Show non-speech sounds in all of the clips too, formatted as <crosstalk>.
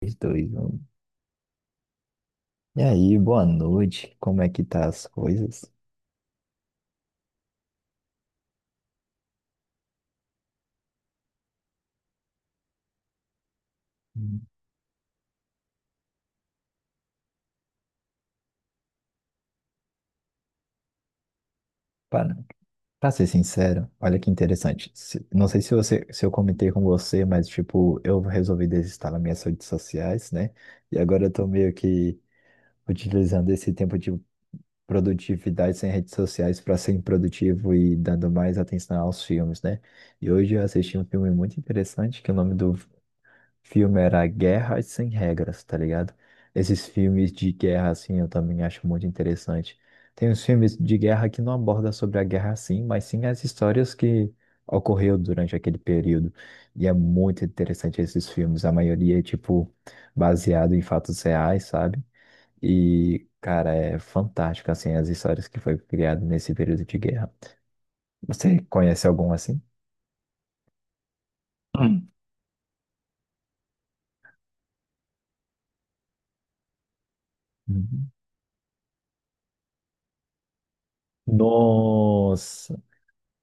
3, 2, 1. E aí, boa noite. Como é que tá as coisas? Hum. Para, Pra ser sincero, olha que interessante. Não sei se você, se eu comentei com você, mas tipo, eu resolvi desinstalar minhas redes sociais, né? E agora eu tô meio que utilizando esse tempo de produtividade sem redes sociais para ser produtivo e dando mais atenção aos filmes, né? E hoje eu assisti um filme muito interessante, que o nome do filme era Guerras Sem Regras, tá ligado? Esses filmes de guerra, assim, eu também acho muito interessante. Tem uns filmes de guerra que não abordam sobre a guerra, sim, mas sim as histórias que ocorreu durante aquele período. E é muito interessante esses filmes. A maioria é, tipo, baseado em fatos reais, sabe? E, cara, é fantástico, assim, as histórias que foi criado nesse período de guerra. Você conhece algum assim? Hum. Uhum. Nossa!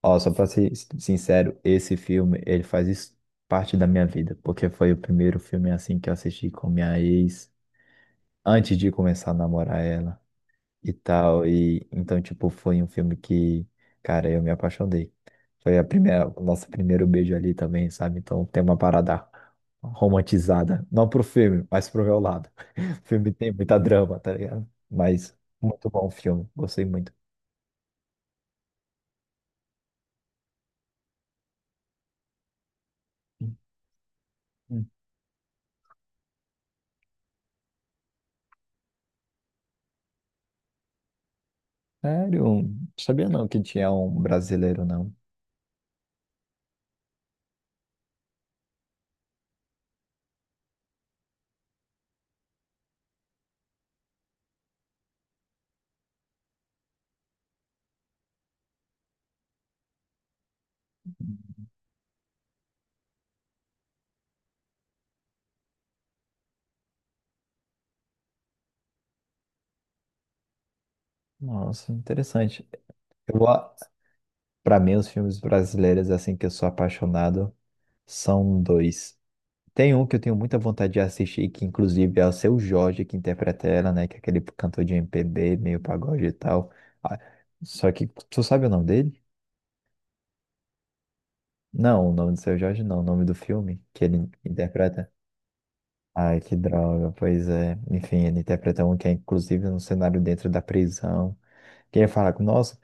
Ó, só pra ser sincero, esse filme, ele faz isso parte da minha vida, porque foi o primeiro filme assim que eu assisti com minha ex, antes de começar a namorar ela e tal, e então, tipo, foi um filme que, cara, eu me apaixonei. Foi a primeira, o nosso primeiro beijo ali também, sabe? Então tem uma parada romantizada, não pro filme, mas pro meu lado. <laughs> O filme tem muita drama, tá ligado? Mas muito bom o filme, gostei muito. Sério? Não sabia não que tinha um brasileiro, não. Nossa, interessante. Eu, a- Pra mim, os filmes brasileiros, assim, que eu sou apaixonado, são dois. Tem um que eu tenho muita vontade de assistir, que inclusive é o Seu Jorge que interpreta ela, né? Que é aquele cantor de MPB, meio pagode e tal. Ah, só que, tu sabe o nome dele? Não, o nome do Seu Jorge não, o nome do filme que ele interpreta. Ai, que droga, pois é. Enfim, ele interpreta um que é inclusive um cenário dentro da prisão. Quem fala com nós,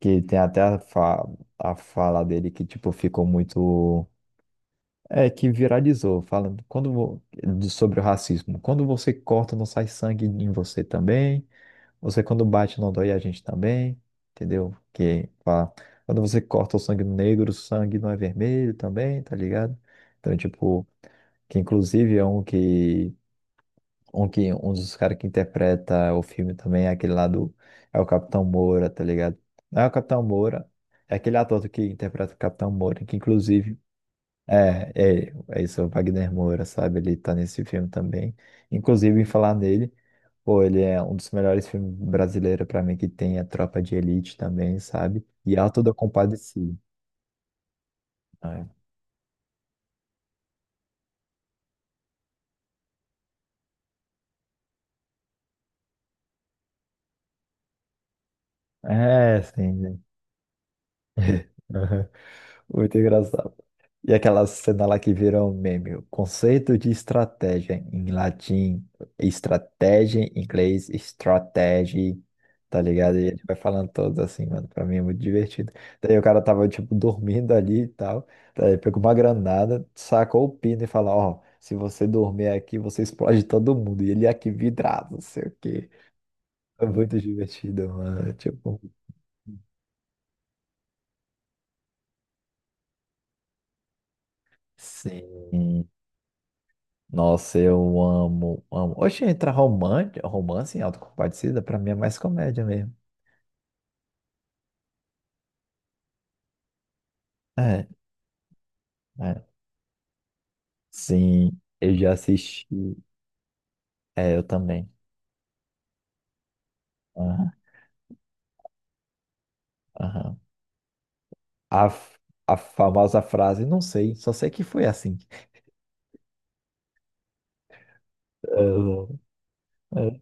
que tem até a fala dele que, tipo, ficou muito. É, que viralizou, falando quando, sobre o racismo. Quando você corta, não sai sangue em você também. Você, quando bate, não dói a gente também. Entendeu? Que fala. Quando você corta o sangue negro, o sangue não é vermelho também, tá ligado? Então, tipo, que inclusive é um que. Um dos caras que interpreta o filme também é aquele lá do. É o Capitão Moura, tá ligado? Não é o Capitão Moura. É aquele ator que interpreta o Capitão Moura, que inclusive. É, É isso, é o Wagner Moura, sabe? Ele tá nesse filme também. Inclusive, em falar nele, pô, ele é um dos melhores filmes brasileiros pra mim que tem, a Tropa de Elite também, sabe? E Auto da Compadecida. É, é, sim, sim. <laughs> Muito engraçado. E aquela cena lá que virou um meme, o conceito de estratégia em latim, estratégia em inglês, strategy, tá ligado? E ele vai falando todos assim, mano, pra mim é muito divertido. Daí o cara tava, tipo, dormindo ali e tal, daí pegou uma granada, sacou o pino e falou, ó, se você dormir aqui, você explode todo mundo. E ele aqui vidrado, não sei o quê. É muito divertido, mano, tipo... Sim. Nossa, eu amo, amo. Oxe, entra romance, romance em Autocompadecida, pra mim é mais comédia mesmo. É, é. Sim, eu já assisti. É, eu também. Aham, aham. A, f- a famosa frase, não sei, só sei que foi assim. <laughs> É, é,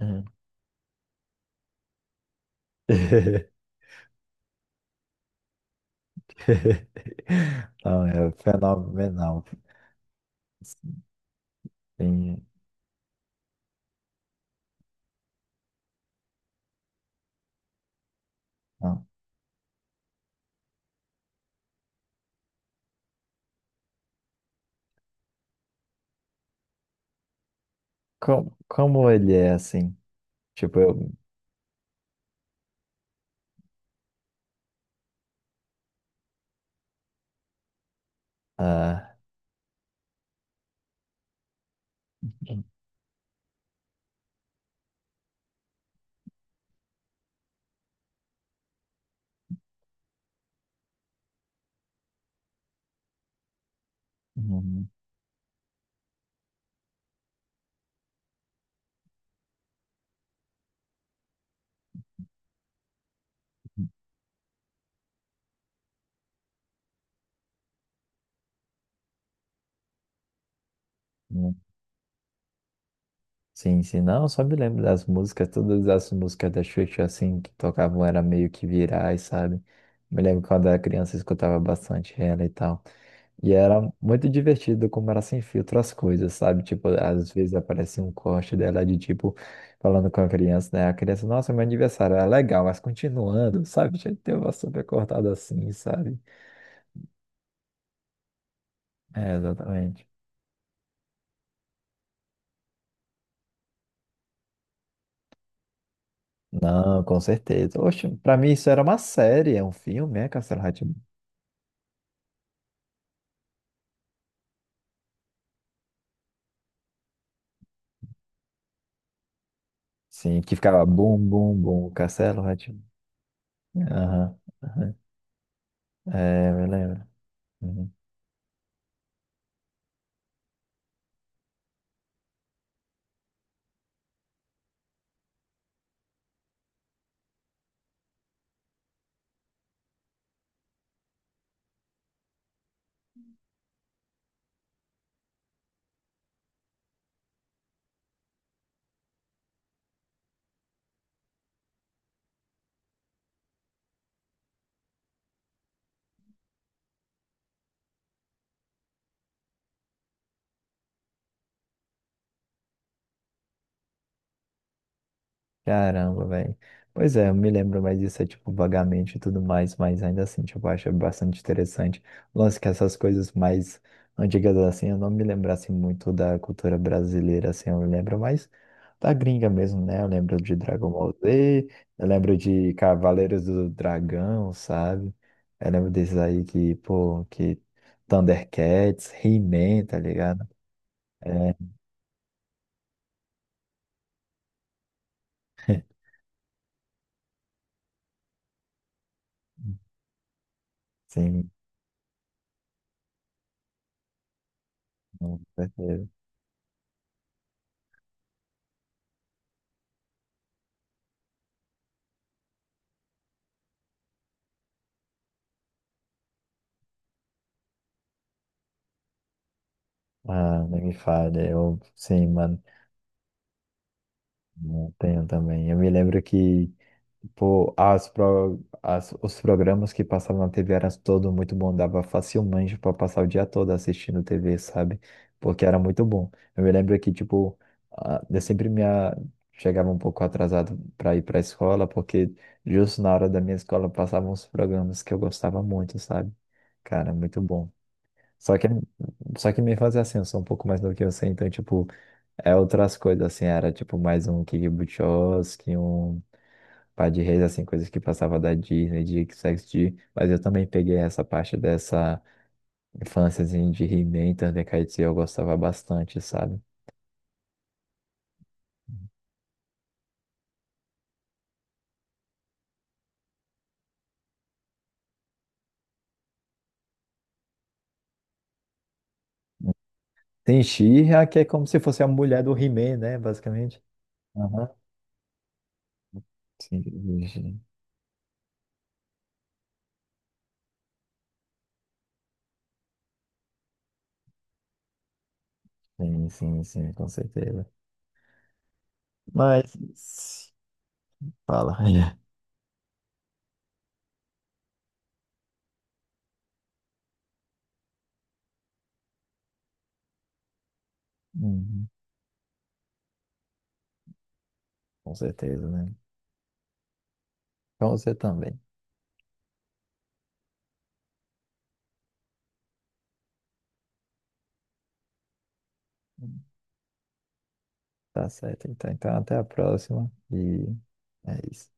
é. <laughs> Não, é fenomenal. Sim, não. Como ele é assim? Tipo, eu. Ah, hum, hum, hum, hum. Sim, sim, não, eu só me lembro das músicas, todas as músicas da Xuxa, assim, que tocavam era meio que virais, sabe? Me lembro quando era criança, eu escutava bastante ela e tal. E era muito divertido como era sem filtro as coisas, sabe? Tipo, às vezes aparecia um corte dela de tipo, falando com a criança, né? A criança, nossa, meu aniversário era legal, mas continuando, sabe? Tinha que ter uma super cortada assim, sabe? É, exatamente. Não, com certeza. Oxe, pra mim isso era uma série, é um filme, é Castelo rá tim. Sim, que ficava bum, bum, bum, castelo, rá-tim. Aham, aham. É, eu lembro. Uhum. Caramba, velho. Pois é, eu me lembro mais disso, é, tipo, vagamente e tudo mais, mas ainda assim, tipo, eu acho bastante interessante. O lance que essas coisas mais antigas, assim, eu não me lembrasse muito da cultura brasileira, assim, eu me lembro mais da gringa mesmo, né? Eu lembro de Dragon Ball Z, eu lembro de Cavaleiros do Dragão, sabe? Eu lembro desses aí que, pô, que Thundercats, He-Man, tá ligado? É, <laughs> sim, com certeza. Ah, nem me fale, eu sim, mano, eu tenho também. Eu me lembro que, tipo, as pro, as, os programas que passavam na TV eram todos muito bons, dava facilmente para passar o dia todo assistindo TV, sabe? Porque era muito bom. Eu me lembro que, tipo, ah, eu sempre me a- chegava um pouco atrasado para ir para a escola, porque justo na hora da minha escola passavam os programas que eu gostava muito, sabe? Cara, muito bom. Só que, só que me fazia assim, eu sou um pouco mais novo que você, então, tipo. É outras coisas, assim, era tipo mais um Kick Buttowski, um Par de Reis, assim, coisas que passava da Disney, de XXD, mas eu também peguei essa parte dessa infância, assim, de He-Man, Thundercats, e eu gostava bastante, sabe? Tem She-Ra, que é como se fosse a mulher do He-Man, né, basicamente. Aham. Sim, sim, sim, sim, sim, com certeza. Mas, fala. <laughs> Uhum, com certeza, né? Então você também. Tá certo, então. Então, até a próxima. E é isso.